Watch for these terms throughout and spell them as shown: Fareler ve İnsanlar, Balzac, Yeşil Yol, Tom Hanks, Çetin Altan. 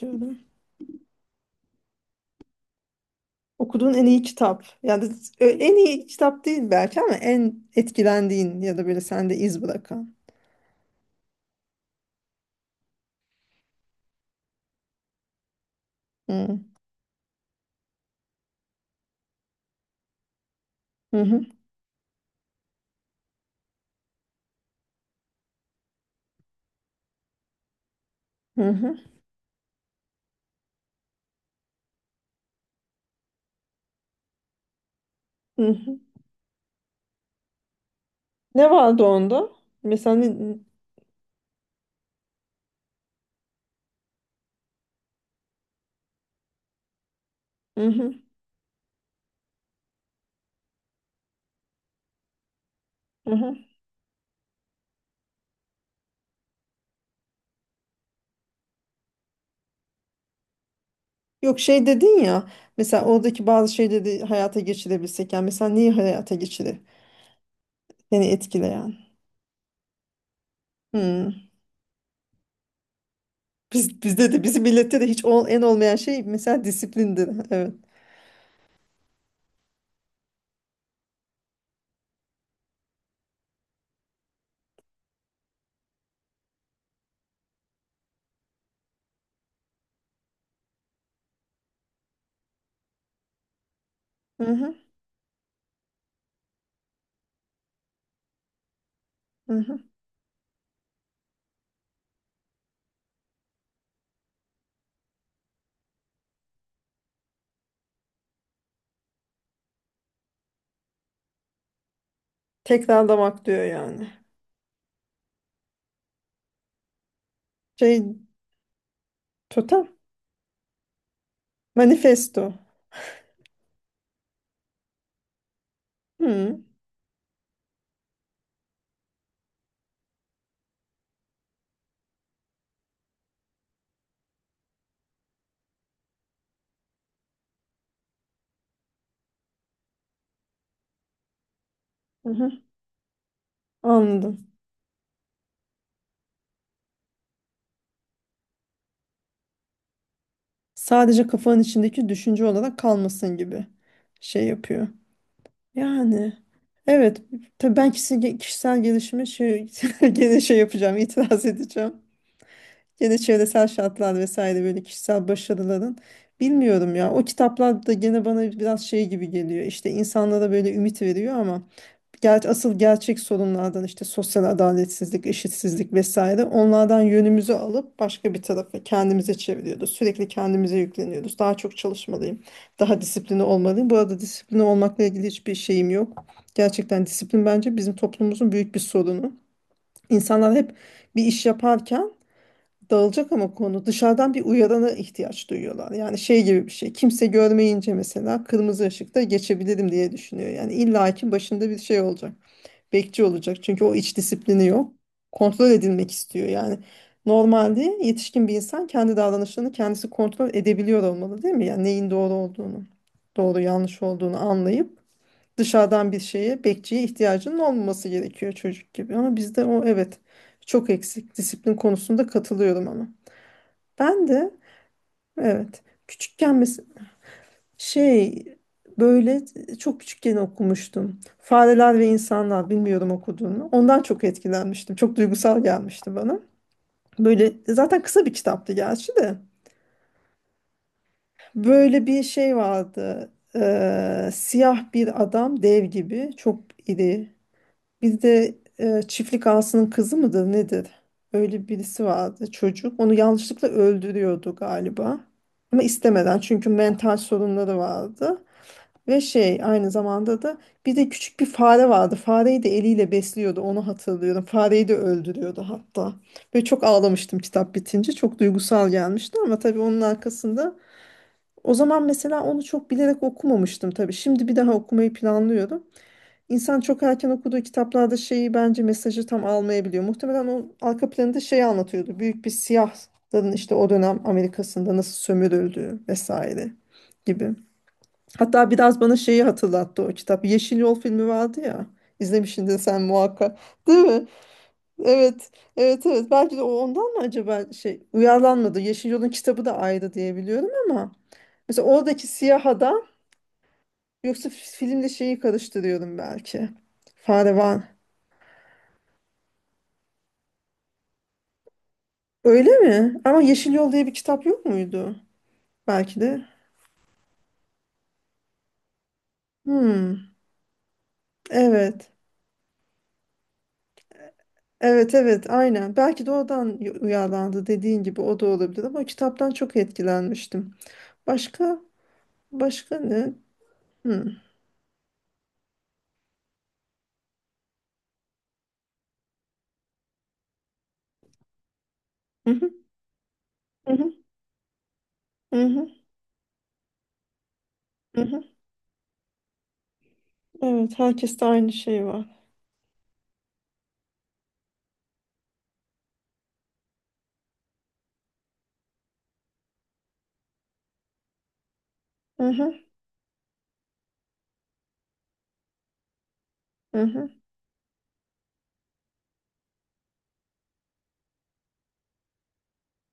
Şöyle. Okuduğun en iyi kitap. Yani en iyi kitap değil belki ama en etkilendiğin ya da böyle sende iz bırakan. Hı hı hı hı. Hı, hı hı. Ne vardı onda? Mesela ne- hı hı hı. Hı. Yok şey dedin ya. Mesela oradaki bazı şeyleri hayata geçirebilsek. Yani mesela neyi hayata geçirir? Seni etkileyen. Hı. Biz, bizde de bizim millette de hiç en olmayan şey mesela disiplindir. Evet. Hı hı hı. Hı. Tekrarlamak diyor yani. Şey totem. Manifesto. Hı, hı, hı. Anladım. Sadece kafanın içindeki düşünce olarak kalmasın gibi şey yapıyor. Yani evet tabii ben kişisel gelişime şey, gene şey yapacağım, itiraz edeceğim. Ya da çevresel şartlar vesaire böyle kişisel başarıların. Bilmiyorum ya. O kitaplar da gene bana biraz şey gibi geliyor. İşte insanlara böyle ümit veriyor ama asıl gerçek sorunlardan işte sosyal adaletsizlik, eşitsizlik vesaire onlardan yönümüzü alıp başka bir tarafa kendimize çeviriyoruz. Sürekli kendimize yükleniyoruz. Daha çok çalışmalıyım. Daha disiplinli olmalıyım. Bu arada disiplinli olmakla ilgili hiçbir şeyim yok. Gerçekten disiplin bence bizim toplumumuzun büyük bir sorunu. İnsanlar hep bir iş yaparken dağılacak ama konu dışarıdan bir uyarana ihtiyaç duyuyorlar. Yani şey gibi bir şey. Kimse görmeyince mesela kırmızı ışıkta geçebilirim diye düşünüyor. Yani illaki başında bir şey olacak. Bekçi olacak. Çünkü o iç disiplini yok. Kontrol edilmek istiyor. Yani normalde yetişkin bir insan kendi davranışlarını kendisi kontrol edebiliyor olmalı değil mi? Yani neyin doğru olduğunu, doğru yanlış olduğunu anlayıp dışarıdan bir şeye, bekçiye ihtiyacının olmaması gerekiyor çocuk gibi. Ama bizde o evet çok eksik. Disiplin konusunda katılıyorum ama. Ben de evet küçükken şey böyle çok küçükken okumuştum. Fareler ve İnsanlar bilmiyorum okuduğunu. Ondan çok etkilenmiştim. Çok duygusal gelmişti bana. Böyle zaten kısa bir kitaptı gerçi de. Böyle bir şey vardı. Siyah bir adam dev gibi çok iri. Bizde çiftlik ağasının kızı mıdır nedir? Öyle birisi vardı çocuk. Onu yanlışlıkla öldürüyordu galiba. Ama istemeden çünkü mental sorunları vardı. Ve şey aynı zamanda da bir de küçük bir fare vardı. Fareyi de eliyle besliyordu onu hatırlıyorum. Fareyi de öldürüyordu hatta. Ve çok ağlamıştım kitap bitince. Çok duygusal gelmişti ama tabii onun arkasında o zaman mesela onu çok bilerek okumamıştım tabii. Şimdi bir daha okumayı planlıyorum. İnsan çok erken okuduğu kitaplarda şeyi bence mesajı tam almayabiliyor. Muhtemelen onun arka planında şeyi anlatıyordu. Büyük bir siyahların işte o dönem Amerika'sında nasıl sömürüldüğü vesaire gibi. Hatta biraz bana şeyi hatırlattı o kitap. Yeşil Yol filmi vardı ya. İzlemişsindir sen muhakkak. Değil mi? Evet. Evet evet. Belki de o ondan mı acaba şey uyarlanmadı. Yeşil Yol'un kitabı da ayrı diye biliyorum ama mesela oradaki siyah adam yoksa filmle şeyi karıştırıyorum belki. Fare var. Öyle mi? Ama Yeşil Yol diye bir kitap yok muydu? Belki de. Hmm, evet. Evet evet aynen. Belki de oradan uyarlandı dediğin gibi o da olabilir ama kitaptan çok etkilenmiştim. Başka başka ne? Hmm. Hı hı, hı hı, hı hı, hı hı. Evet herkeste aynı şey var. Hı hı, hı hı,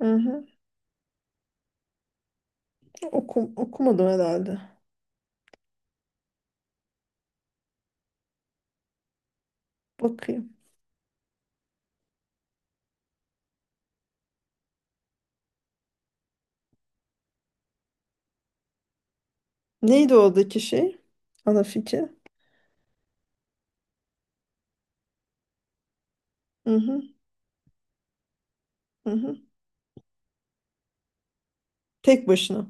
hı hı. Okumadım herhalde. Bakayım. Neydi oradaki şey? Ana fikir. Hı hı, hı hı. Tek başına.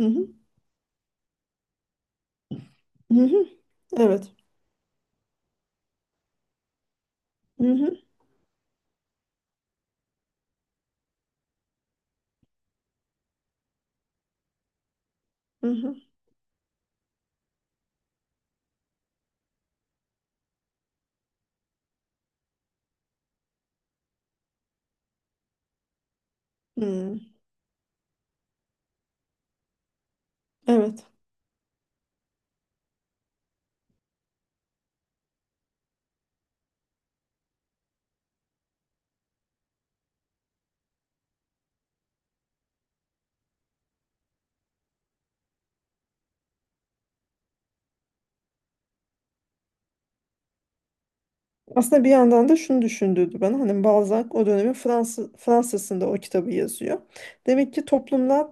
Hı hı, hı hı. Evet. Hı hı, hı hı. Hmm, evet. Aslında bir yandan da şunu düşündürdü bana. Hani Balzac o dönemin Fransa'sında o kitabı yazıyor. Demek ki toplumlar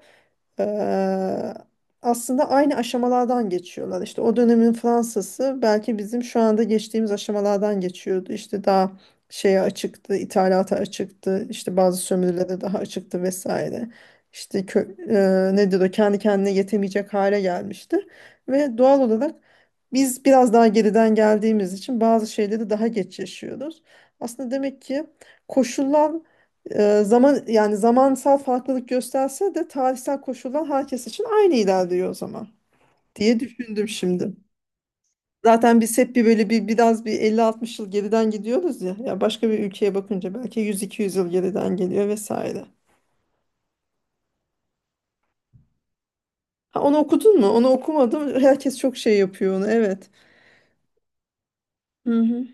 eee, aslında aynı aşamalardan geçiyorlar. İşte o dönemin Fransa'sı belki bizim şu anda geçtiğimiz aşamalardan geçiyordu. İşte daha şeye açıktı, ithalata açıktı, işte bazı sömürülere daha açıktı vesaire. İşte nedir o kendi kendine yetemeyecek hale gelmişti. Ve doğal olarak biz biraz daha geriden geldiğimiz için bazı şeyleri daha geç yaşıyoruz. Aslında demek ki koşullar zaman yani zamansal farklılık gösterse de tarihsel koşullar herkes için aynı ilerliyor o zaman diye düşündüm şimdi. Zaten biz hep bir böyle bir biraz bir 50 60 yıl geriden gidiyoruz ya. Ya başka bir ülkeye bakınca belki 100 200 yıl geriden geliyor vesaire. Ha, onu okudun mu? Onu okumadım. Herkes çok şey yapıyor onu. Evet. Hı hı.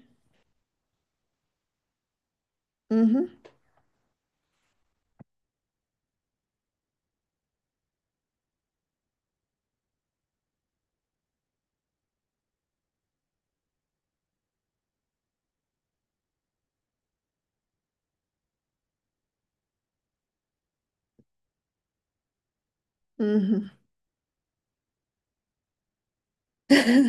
Hı hı. Hı hı.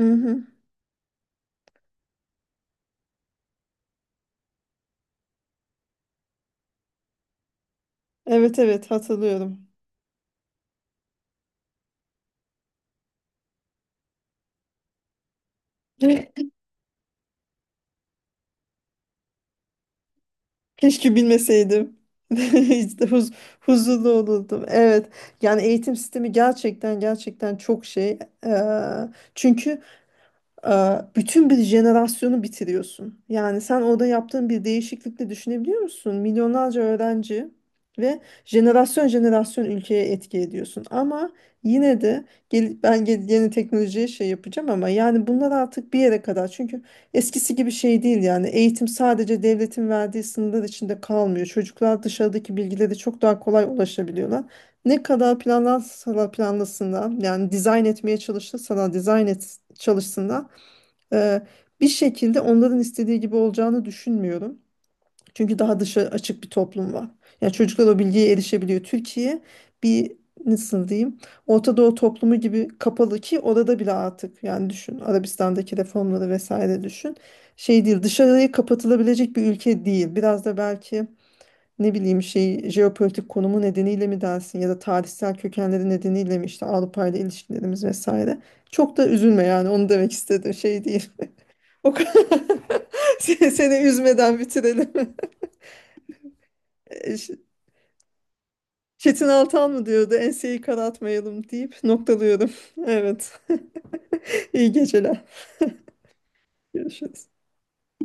Hı hı. Evet evet hatırlıyorum. Keşke bilmeseydim. İşte huzurlu olurdum. Evet. Yani eğitim sistemi gerçekten gerçekten çok şey. Eee, Çünkü e, bütün bir jenerasyonu bitiriyorsun. Yani sen orada yaptığın bir değişiklikle düşünebiliyor musun? Milyonlarca öğrenci ve jenerasyon jenerasyon ülkeye etki ediyorsun. Ama yine de yeni teknolojiye şey yapacağım ama yani bunlar artık bir yere kadar. Çünkü eskisi gibi şey değil yani eğitim sadece devletin verdiği sınırlar içinde kalmıyor. Çocuklar dışarıdaki bilgilere çok daha kolay ulaşabiliyorlar. Ne kadar planlansalar planlasınlar yani dizayn etmeye çalışırsalar çalışsınlar ee, bir şekilde onların istediği gibi olacağını düşünmüyorum. Çünkü daha dışa açık bir toplum var. Yani çocuklar o bilgiye erişebiliyor. Türkiye bir nasıl diyeyim Orta Doğu toplumu gibi kapalı ki orada bile artık yani düşün Arabistan'daki reformları vesaire düşün. Şey değil dışarıya kapatılabilecek bir ülke değil. Biraz da belki ne bileyim şey jeopolitik konumu nedeniyle mi dersin ya da tarihsel kökenleri nedeniyle mi işte Avrupa ile ilişkilerimiz vesaire. Çok da üzülme yani onu demek istedim şey değil. O kadar- seni üzmeden bitirelim. E, Ş- Çetin Altan mı diyordu? Enseyi karartmayalım deyip noktalıyorum. Evet. İyi geceler. Görüşürüz.